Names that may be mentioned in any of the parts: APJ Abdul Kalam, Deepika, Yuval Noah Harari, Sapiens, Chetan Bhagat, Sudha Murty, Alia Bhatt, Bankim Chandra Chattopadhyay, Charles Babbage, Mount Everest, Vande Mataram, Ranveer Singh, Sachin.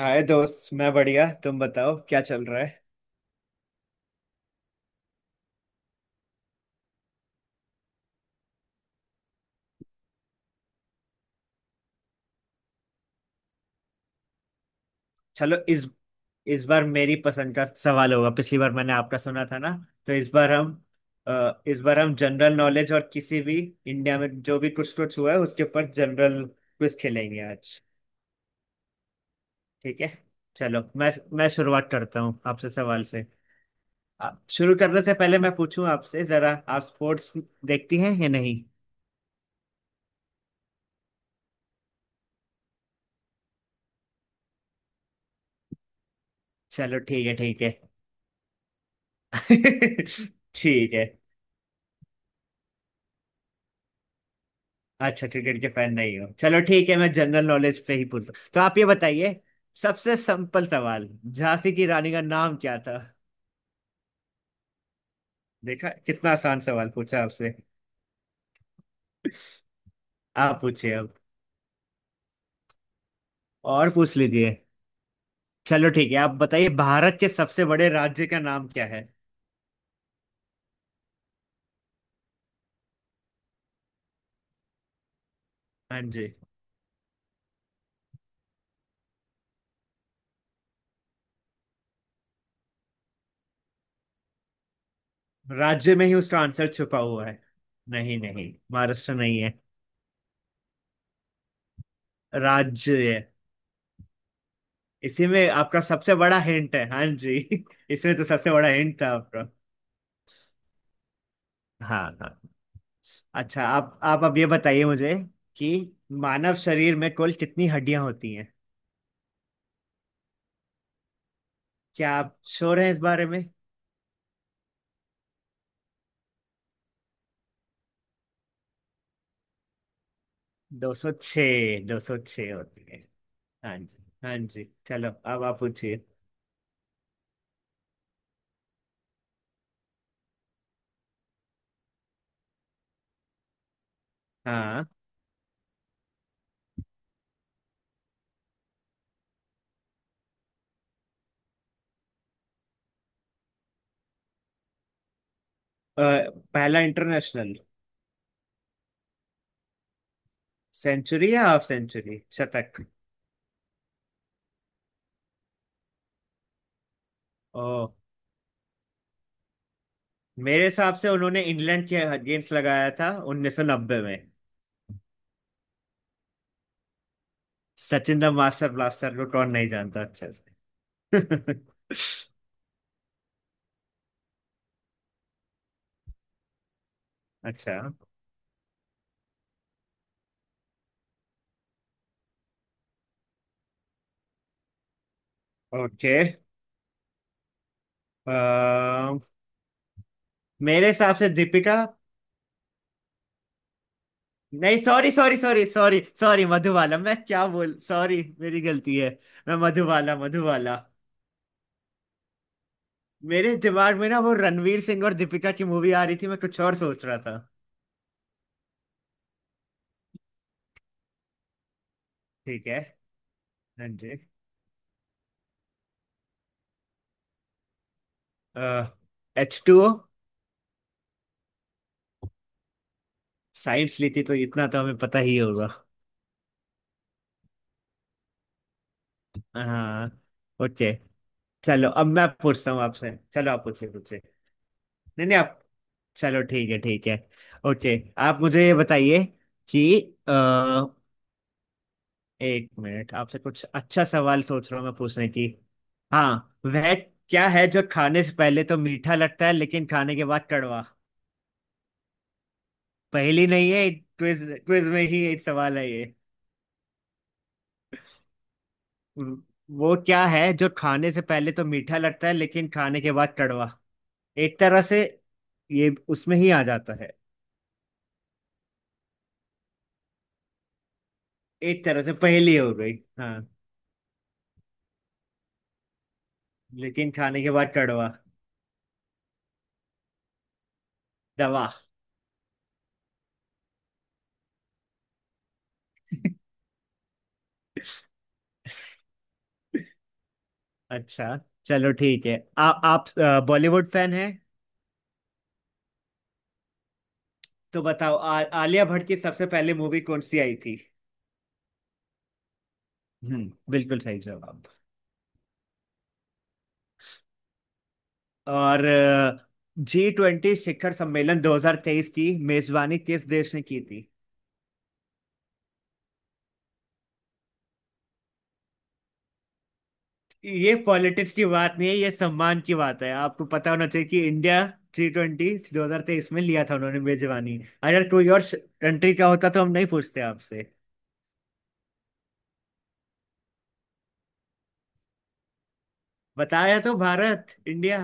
हाय दोस्त, मैं बढ़िया। तुम बताओ क्या चल रहा है। चलो इस बार मेरी पसंद का सवाल होगा, पिछली बार मैंने आपका सुना था ना। तो इस बार हम इस बार हम जनरल नॉलेज और किसी भी इंडिया में जो भी कुछ कुछ हुआ है उसके ऊपर जनरल क्विज खेलेंगे आज। ठीक है, चलो मैं शुरुआत करता हूँ आपसे सवाल से। शुरू करने से पहले मैं पूछूं आपसे जरा, आप स्पोर्ट्स देखती हैं या नहीं। चलो ठीक है ठीक है। ठीक है। अच्छा, क्रिकेट के फैन नहीं हो, चलो ठीक है, मैं जनरल नॉलेज पे ही पूछता हूँ। तो आप ये बताइए, सबसे सिंपल सवाल, झांसी की रानी का नाम क्या था। देखा, कितना आसान सवाल पूछा आपसे। आप पूछिए अब। और पूछ लीजिए। चलो ठीक है, आप बताइए भारत के सबसे बड़े राज्य का नाम क्या है। हाँ जी। राज्य में ही उसका आंसर छुपा हुआ है। नहीं नहीं, महाराष्ट्र नहीं है। राज्य है। इसी में आपका सबसे बड़ा हिंट है, हाँ जी। इसमें तो सबसे बड़ा हिंट था आपका। हाँ हाँ। अच्छा आप अब ये बताइए मुझे कि मानव शरीर में कुल कितनी हड्डियां होती हैं। क्या आप श्योर हैं इस बारे में। 206। 206 होती है। हाँ जी। हाँ जी, चलो अब आप पूछिए। हाँ। अ, पहला इंटरनेशनल सेंचुरी या हाफ सेंचुरी शतक। ओ, मेरे हिसाब से उन्होंने इंग्लैंड के अगेंस्ट लगाया था 1990 में। सचिन द मास्टर ब्लास्टर को कौन नहीं जानता अच्छे से। अच्छा। ओके। मेरे हिसाब से दीपिका। नहीं, sorry sorry sorry sorry sorry, Madhubala, मैं क्या बोल, सॉरी मेरी गलती है। मैं मधुबाला मधुबाला। मेरे दिमाग में ना वो रणवीर सिंह और दीपिका की मूवी आ रही थी, मैं कुछ और सोच रहा था। ठीक है। हाँ जी। H two O. साइंस ली थी तो इतना तो हमें पता ही होगा। हाँ। ओके, चलो अब मैं पूछता हूँ आपसे। चलो आप पूछिए पूछिए। नहीं नहीं, आप। चलो ठीक है ठीक है। ओके, आप मुझे ये बताइए कि एक मिनट, आपसे कुछ अच्छा सवाल सोच रहा हूँ मैं पूछने की। हाँ, वह क्या है जो खाने से पहले तो मीठा लगता है लेकिन खाने के बाद कड़वा। पहेली नहीं है, क्विज, क्विज में ही एक सवाल है ये। वो क्या है जो खाने से पहले तो मीठा लगता है लेकिन खाने के बाद कड़वा। एक तरह से ये उसमें ही आ जाता है। एक तरह से पहेली हो गई। हाँ। लेकिन खाने के बाद कड़वा। दवा। अच्छा। चलो ठीक है, आप बॉलीवुड फैन है, तो बताओ आलिया भट्ट की सबसे पहले मूवी कौन सी आई थी। हम्म, बिल्कुल सही जवाब। और जी ट्वेंटी शिखर सम्मेलन 2023 की मेजबानी किस देश ने की थी। ये पॉलिटिक्स की बात नहीं है, ये सम्मान की बात है, आपको पता होना चाहिए कि इंडिया जी ट्वेंटी 2023 में लिया था उन्होंने मेजबानी। अगर कोई और कंट्री का होता तो हम नहीं पूछते आपसे। बताया तो, भारत, इंडिया।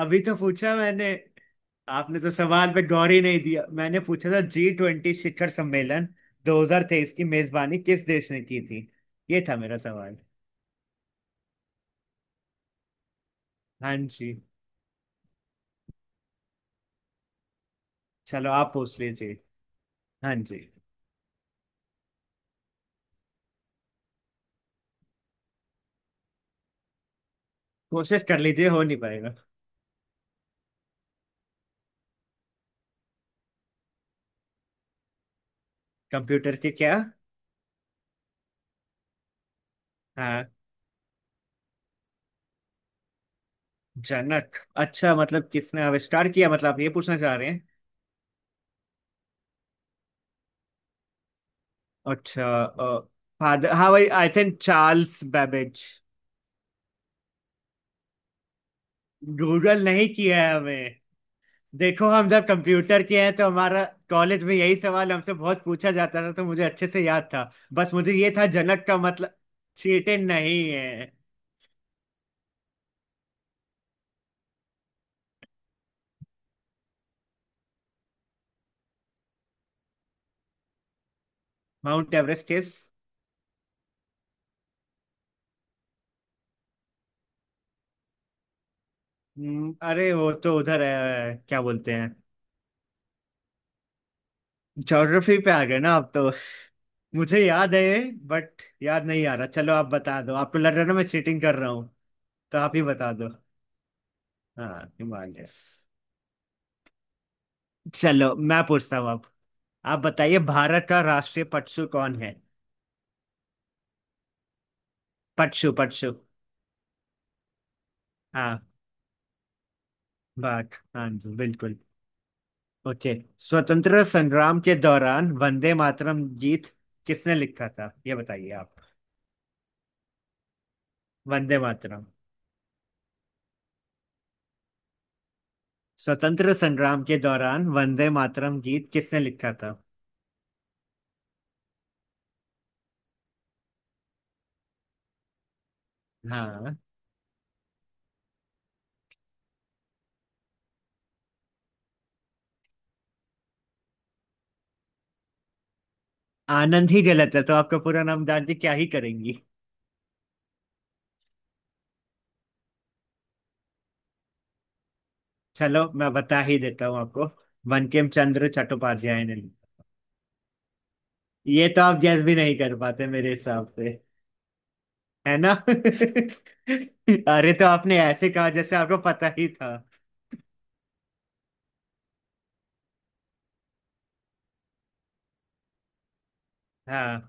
अभी तो पूछा मैंने। आपने तो सवाल पे गौर ही नहीं दिया, मैंने पूछा था जी ट्वेंटी शिखर सम्मेलन 2023 की मेजबानी किस देश ने की थी। ये था मेरा सवाल। हाँ जी। चलो आप पूछ लीजिए। हाँ जी। कोशिश कर लीजिए, हो नहीं पाएगा। कंप्यूटर के क्या। हाँ। जनक। अच्छा, मतलब किसने आविष्कार किया, मतलब आप ये पूछना चाह रहे हैं। अच्छा, फादर, हाँ भाई, I think Charles Babbage. Google नहीं किया है हमें। देखो हम जब कंप्यूटर के हैं तो हमारा कॉलेज में यही सवाल हमसे बहुत पूछा जाता था, तो मुझे अच्छे से याद था, बस मुझे ये था जनक का मतलब। चीटे नहीं है। माउंट एवरेस्ट किस। अरे वो तो उधर है, क्या बोलते हैं। ज्योग्राफी पे आ गए ना आप तो। मुझे याद है, बट याद नहीं आ रहा, चलो आप बता दो, आपको लग रहा है ना मैं चीटिंग कर रहा हूँ, तो आप ही बता दो। हाँ, हिमालय। चलो मैं पूछता हूँ अब। आप बताइए भारत का राष्ट्रीय पशु कौन है। पशु पशु। हाँ। बात, हाँ जी बिल्कुल। ओके, स्वतंत्र संग्राम के दौरान वंदे मातरम गीत किसने लिखा था, ये बताइए आप। वंदे मातरम। स्वतंत्र संग्राम के दौरान वंदे मातरम गीत किसने लिखा था। हाँ। आनंद ही गलत है, तो आपका पूरा नाम जान के क्या ही करेंगी। चलो मैं बता ही देता हूँ आपको, बंकिम चंद्र चट्टोपाध्याय ने लिखा। ये तो आप गैस भी नहीं कर पाते मेरे हिसाब से, है ना। अरे तो आपने ऐसे कहा जैसे आपको पता ही था। हाँ,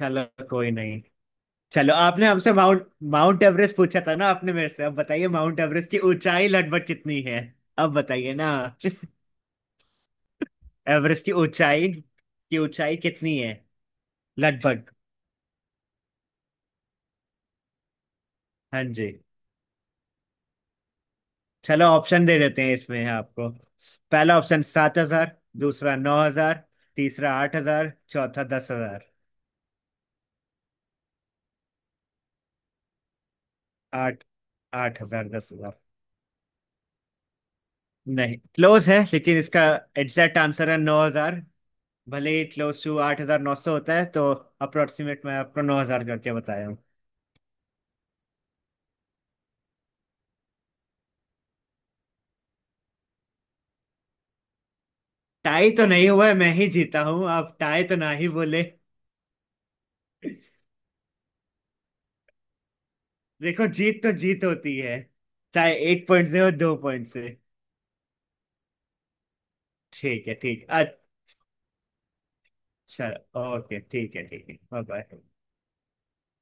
चलो कोई नहीं। चलो आपने हमसे माउंट, एवरेस्ट पूछा था ना आपने मेरे से, अब बताइए माउंट एवरेस्ट की ऊंचाई लगभग कितनी है। अब बताइए ना। एवरेस्ट की ऊंचाई कितनी है लगभग। हाँ जी। चलो ऑप्शन दे देते हैं इसमें आपको। पहला ऑप्शन 7,000, दूसरा 9,000, तीसरा 8,000, चौथा 10,000। आठ, 8,000, 10,000। नहीं, क्लोज है लेकिन इसका एग्जैक्ट आंसर है 9,000। भले ही क्लोज टू 8,900 होता है, तो अप्रोक्सीमेट मैं आपको 9,000 करके बताया हूँ। टाई तो नहीं हुआ है, मैं ही जीता हूँ, आप टाई तो ना ही बोले। देखो जीत तो जीत होती है, चाहे एक पॉइंट से हो, दो पॉइंट से। ठीक है ठीक है, अच्छा, ओके ठीक है ठीक है, बाय बाय।